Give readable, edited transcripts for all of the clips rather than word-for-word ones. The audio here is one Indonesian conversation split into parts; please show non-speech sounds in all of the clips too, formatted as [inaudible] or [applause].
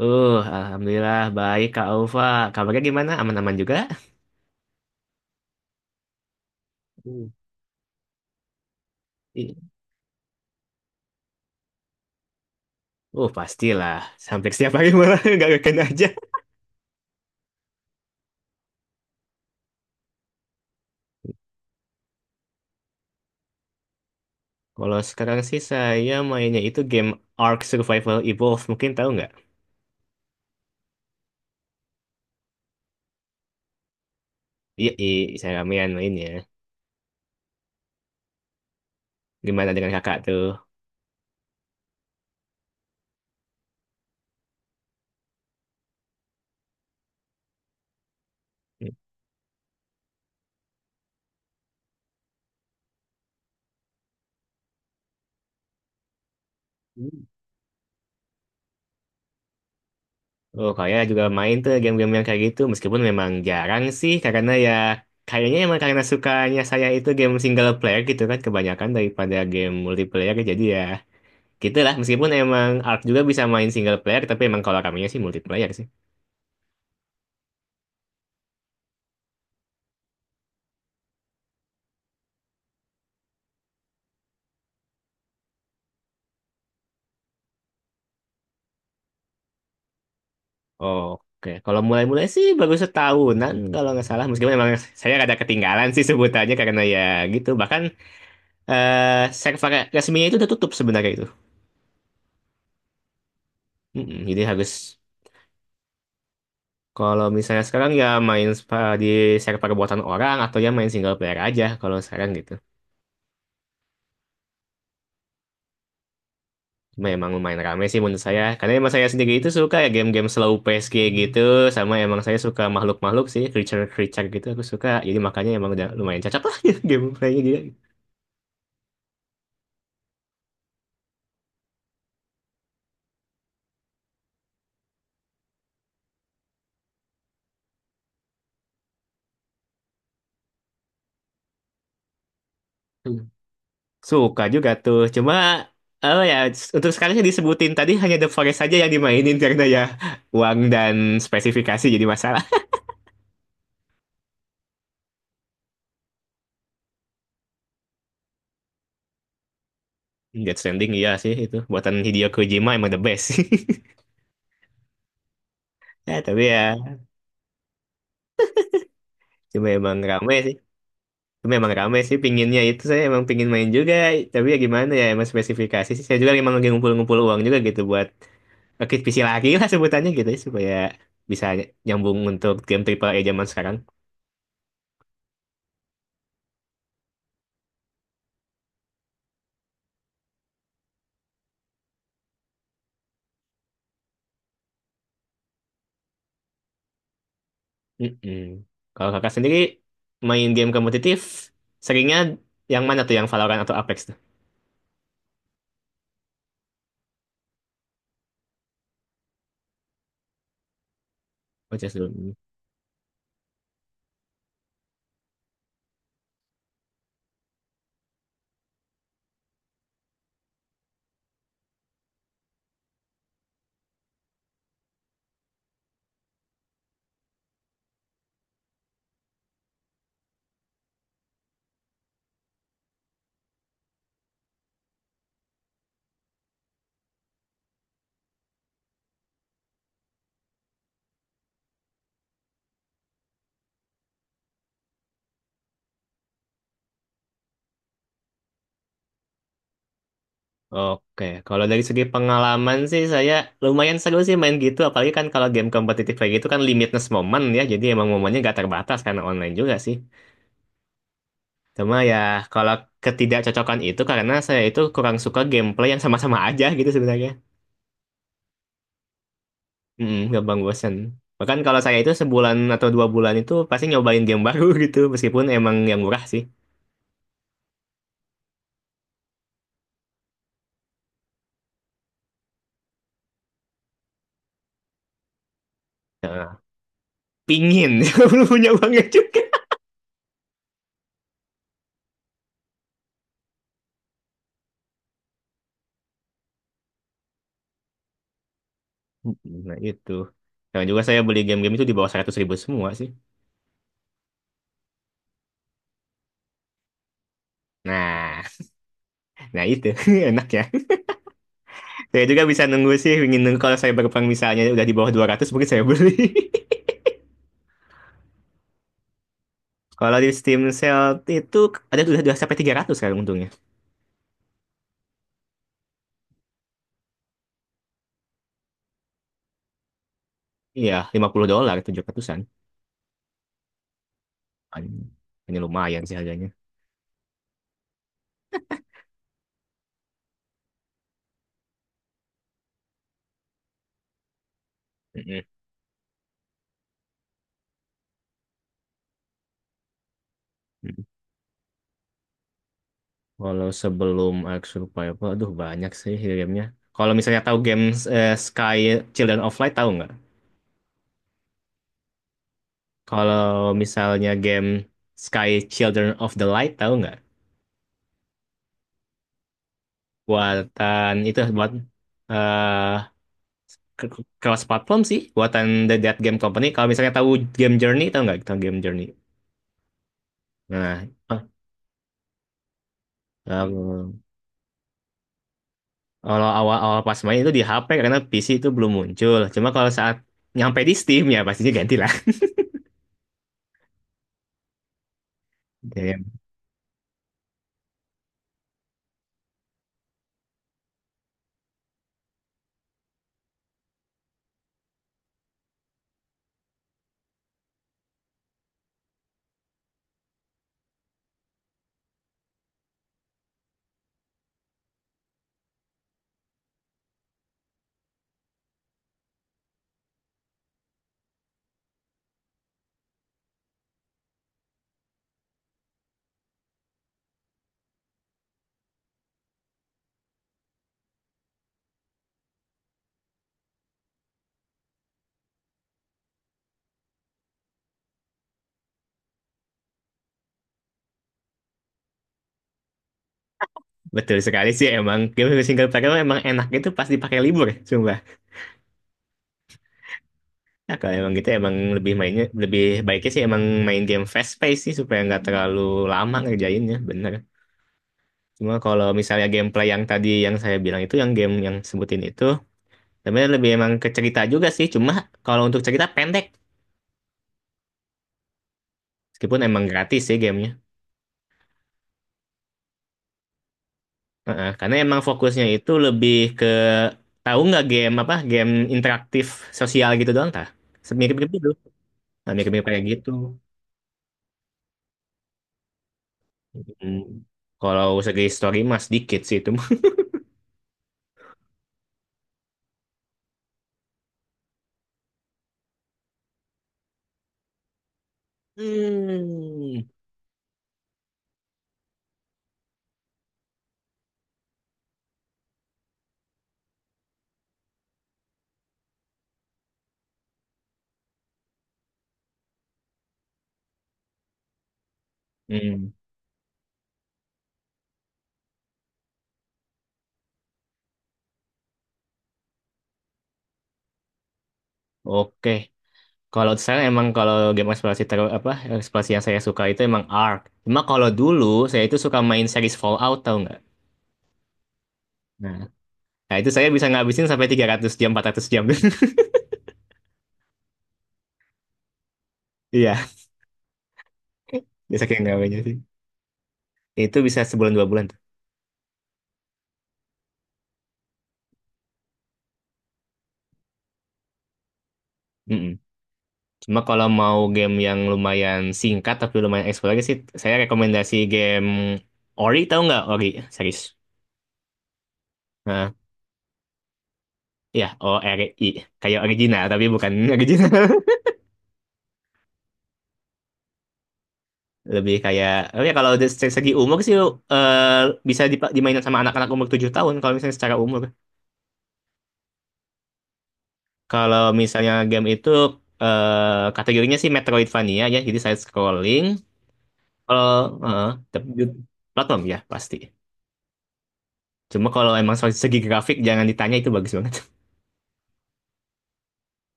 Uh, alhamdulillah baik Kak Alfa. Kabarnya gimana? Aman-aman juga? Hmm. I- pastilah. Sampai setiap hari malah [laughs] nggak ngeken aja. Kalau sekarang sih saya mainnya itu game Ark Survival Evolved. Mungkin tahu nggak? Iya, saya ramean mainnya. Gimana dengan kakak tuh? Hmm. Oh, saya juga main tuh game-game yang kayak gitu. Meskipun memang jarang sih, karena ya kayaknya emang karena sukanya saya itu game single player gitu kan kebanyakan daripada game multiplayer. Jadi ya. Gitu lah, meskipun emang Ark juga bisa main single player, tapi emang kalau ramenya sih multiplayer sih. Oke. Kalau mulai-mulai sih baru setahunan kalau nggak salah, meskipun emang saya rada ketinggalan sih sebutannya karena ya gitu. Bahkan server resminya itu udah tutup sebenarnya itu. Mm-mm, jadi harus kalau misalnya sekarang ya main di server buatan orang atau ya main single player aja kalau sekarang gitu. Memang lumayan rame sih menurut saya. Karena emang saya sendiri itu suka ya game-game slow pace kayak gitu. Sama emang saya suka makhluk-makhluk sih, creature-creature gitu aku suka. Jadi makanya emang udah lumayan cocok lah [laughs] gameplaynya dia. Hmm. Suka juga tuh. Cuma oh ya untuk sekarang yang disebutin tadi hanya The Forest saja yang dimainin karena ya uang dan spesifikasi jadi masalah. [laughs] Death Stranding iya sih itu. Buatan Hideo Kojima emang the best. [laughs] Ya, tapi ya cuma emang rame sih. Memang rame sih pinginnya itu, saya emang pingin main juga, tapi ya gimana ya emang spesifikasi sih. Saya juga emang lagi ngumpul-ngumpul uang juga gitu buat rakit PC lagi lah sebutannya gitu ya, supaya bisa nyambung untuk game triple A zaman sekarang. Mm-mm. Kalau kakak sendiri main game kompetitif seringnya yang mana tuh, yang Valorant atau Apex tuh? Oh, just dulu. Hmm. Oke, kalau dari segi pengalaman sih saya lumayan seru sih main gitu, apalagi kan kalau game kompetitif kayak gitu kan limitless momen ya, jadi emang momennya gak terbatas karena online juga sih. Cuma ya kalau ketidakcocokan itu karena saya itu kurang suka gameplay yang sama-sama aja gitu sebenarnya. Mm, gampang bosen. Bahkan kalau saya itu sebulan atau dua bulan itu pasti nyobain game baru [laughs] gitu meskipun emang yang murah sih. Nah, pingin [laughs] belum punya banget juga. Mm, nah itu. Dan juga saya beli game-game itu di bawah 100.000 semua sih. Nah, [laughs] nah itu [laughs] enak ya. Saya juga bisa nunggu sih, ingin nunggu kalau saya berperang misalnya udah di bawah 200 mungkin saya beli. [laughs] Kalau di Steam Sale itu ada udah sampai 300 sekarang untungnya. Iya, $50 700-an. Anjing, ini lumayan sih harganya. Mm-mm. Mm. Kalau sebelum Ark Survival, aduh banyak sih gamenya. Kalau misalnya tahu game Sky Children of Light tahu nggak? Kalau misalnya game Sky Children of the Light tahu nggak? Buatan itu buat eh cross platform sih, buatan The Dead Game Company. Kalau misalnya tahu game Journey tahu nggak? Tahu game Journey? Nah, eh, tahu. Kalau awal-awal pas main itu di HP karena PC itu belum muncul. Cuma kalau saat nyampe di Steam ya pastinya ganti lah. [laughs] Ya, betul sekali sih emang game single player tuh emang enak itu pas dipakai libur, sumpah. Ya, kalau emang gitu emang lebih mainnya lebih baiknya sih emang main game fast pace sih supaya nggak terlalu lama ngerjainnya, bener. Cuma kalau misalnya gameplay yang tadi yang saya bilang itu yang game yang sebutin itu sebenarnya lebih emang ke cerita juga sih. Cuma kalau untuk cerita pendek, meskipun emang gratis sih gamenya. Heeh, karena emang fokusnya itu lebih ke tahu nggak game apa, game interaktif sosial gitu doang tah? Mirip-mirip gitu. Nah, mirip-mirip kayak gitu. Hmm. Kalau segi story mas dikit sih itu mah. Hmm. Hmm. Oke. Kalau saya emang kalau game eksplorasi terus apa eksplorasi yang saya suka itu emang Ark. Cuma kalau dulu saya itu suka main series Fallout tahu nggak? Nah, nah itu saya bisa ngabisin sampai 300 jam, 400 jam. [laughs] Iya, bisa kayak nggak sih. Itu bisa sebulan dua bulan tuh. Hmm. Cuma kalau mau game yang lumayan singkat tapi lumayan eksplorasi sih, saya rekomendasi game Ori tahu nggak Ori serius? Nah, ya O R I kayak original tapi bukan [laughs] original. Lebih kayak oh ya kalau dari segi umur sih, eh, bisa dimainin sama anak-anak umur 7 tahun kalau misalnya secara umur. Kalau misalnya game itu kategorinya sih Metroidvania ya, jadi side scrolling. Kalau eh, tapi platform ya pasti. Cuma kalau emang soal segi grafik jangan ditanya itu bagus banget.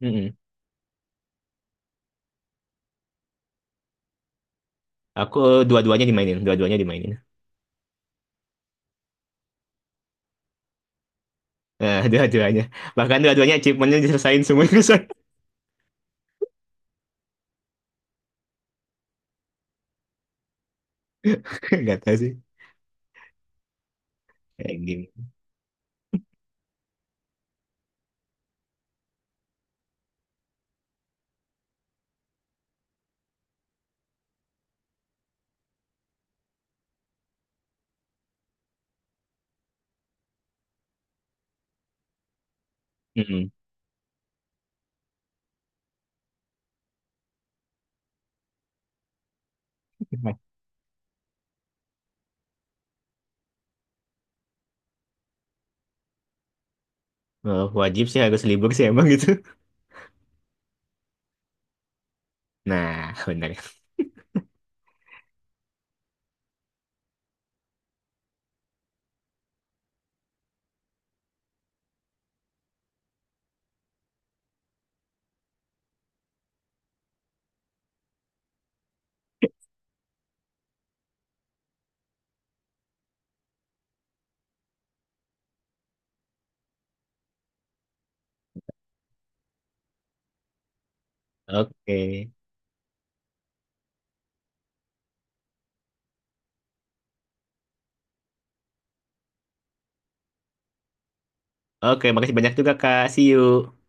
[laughs] Aku dua-duanya dimainin, dua-duanya dimainin. Nah, [laughs] dua-duanya. Bahkan dua-duanya achievementnya diselesain semua itu. [laughs] Gak tahu sih. Kayak gini. Mm-mm. Wajib sih harus libur sih emang gitu. Nah, benar. Oke. Oke, makasih banyak juga Kak. See you.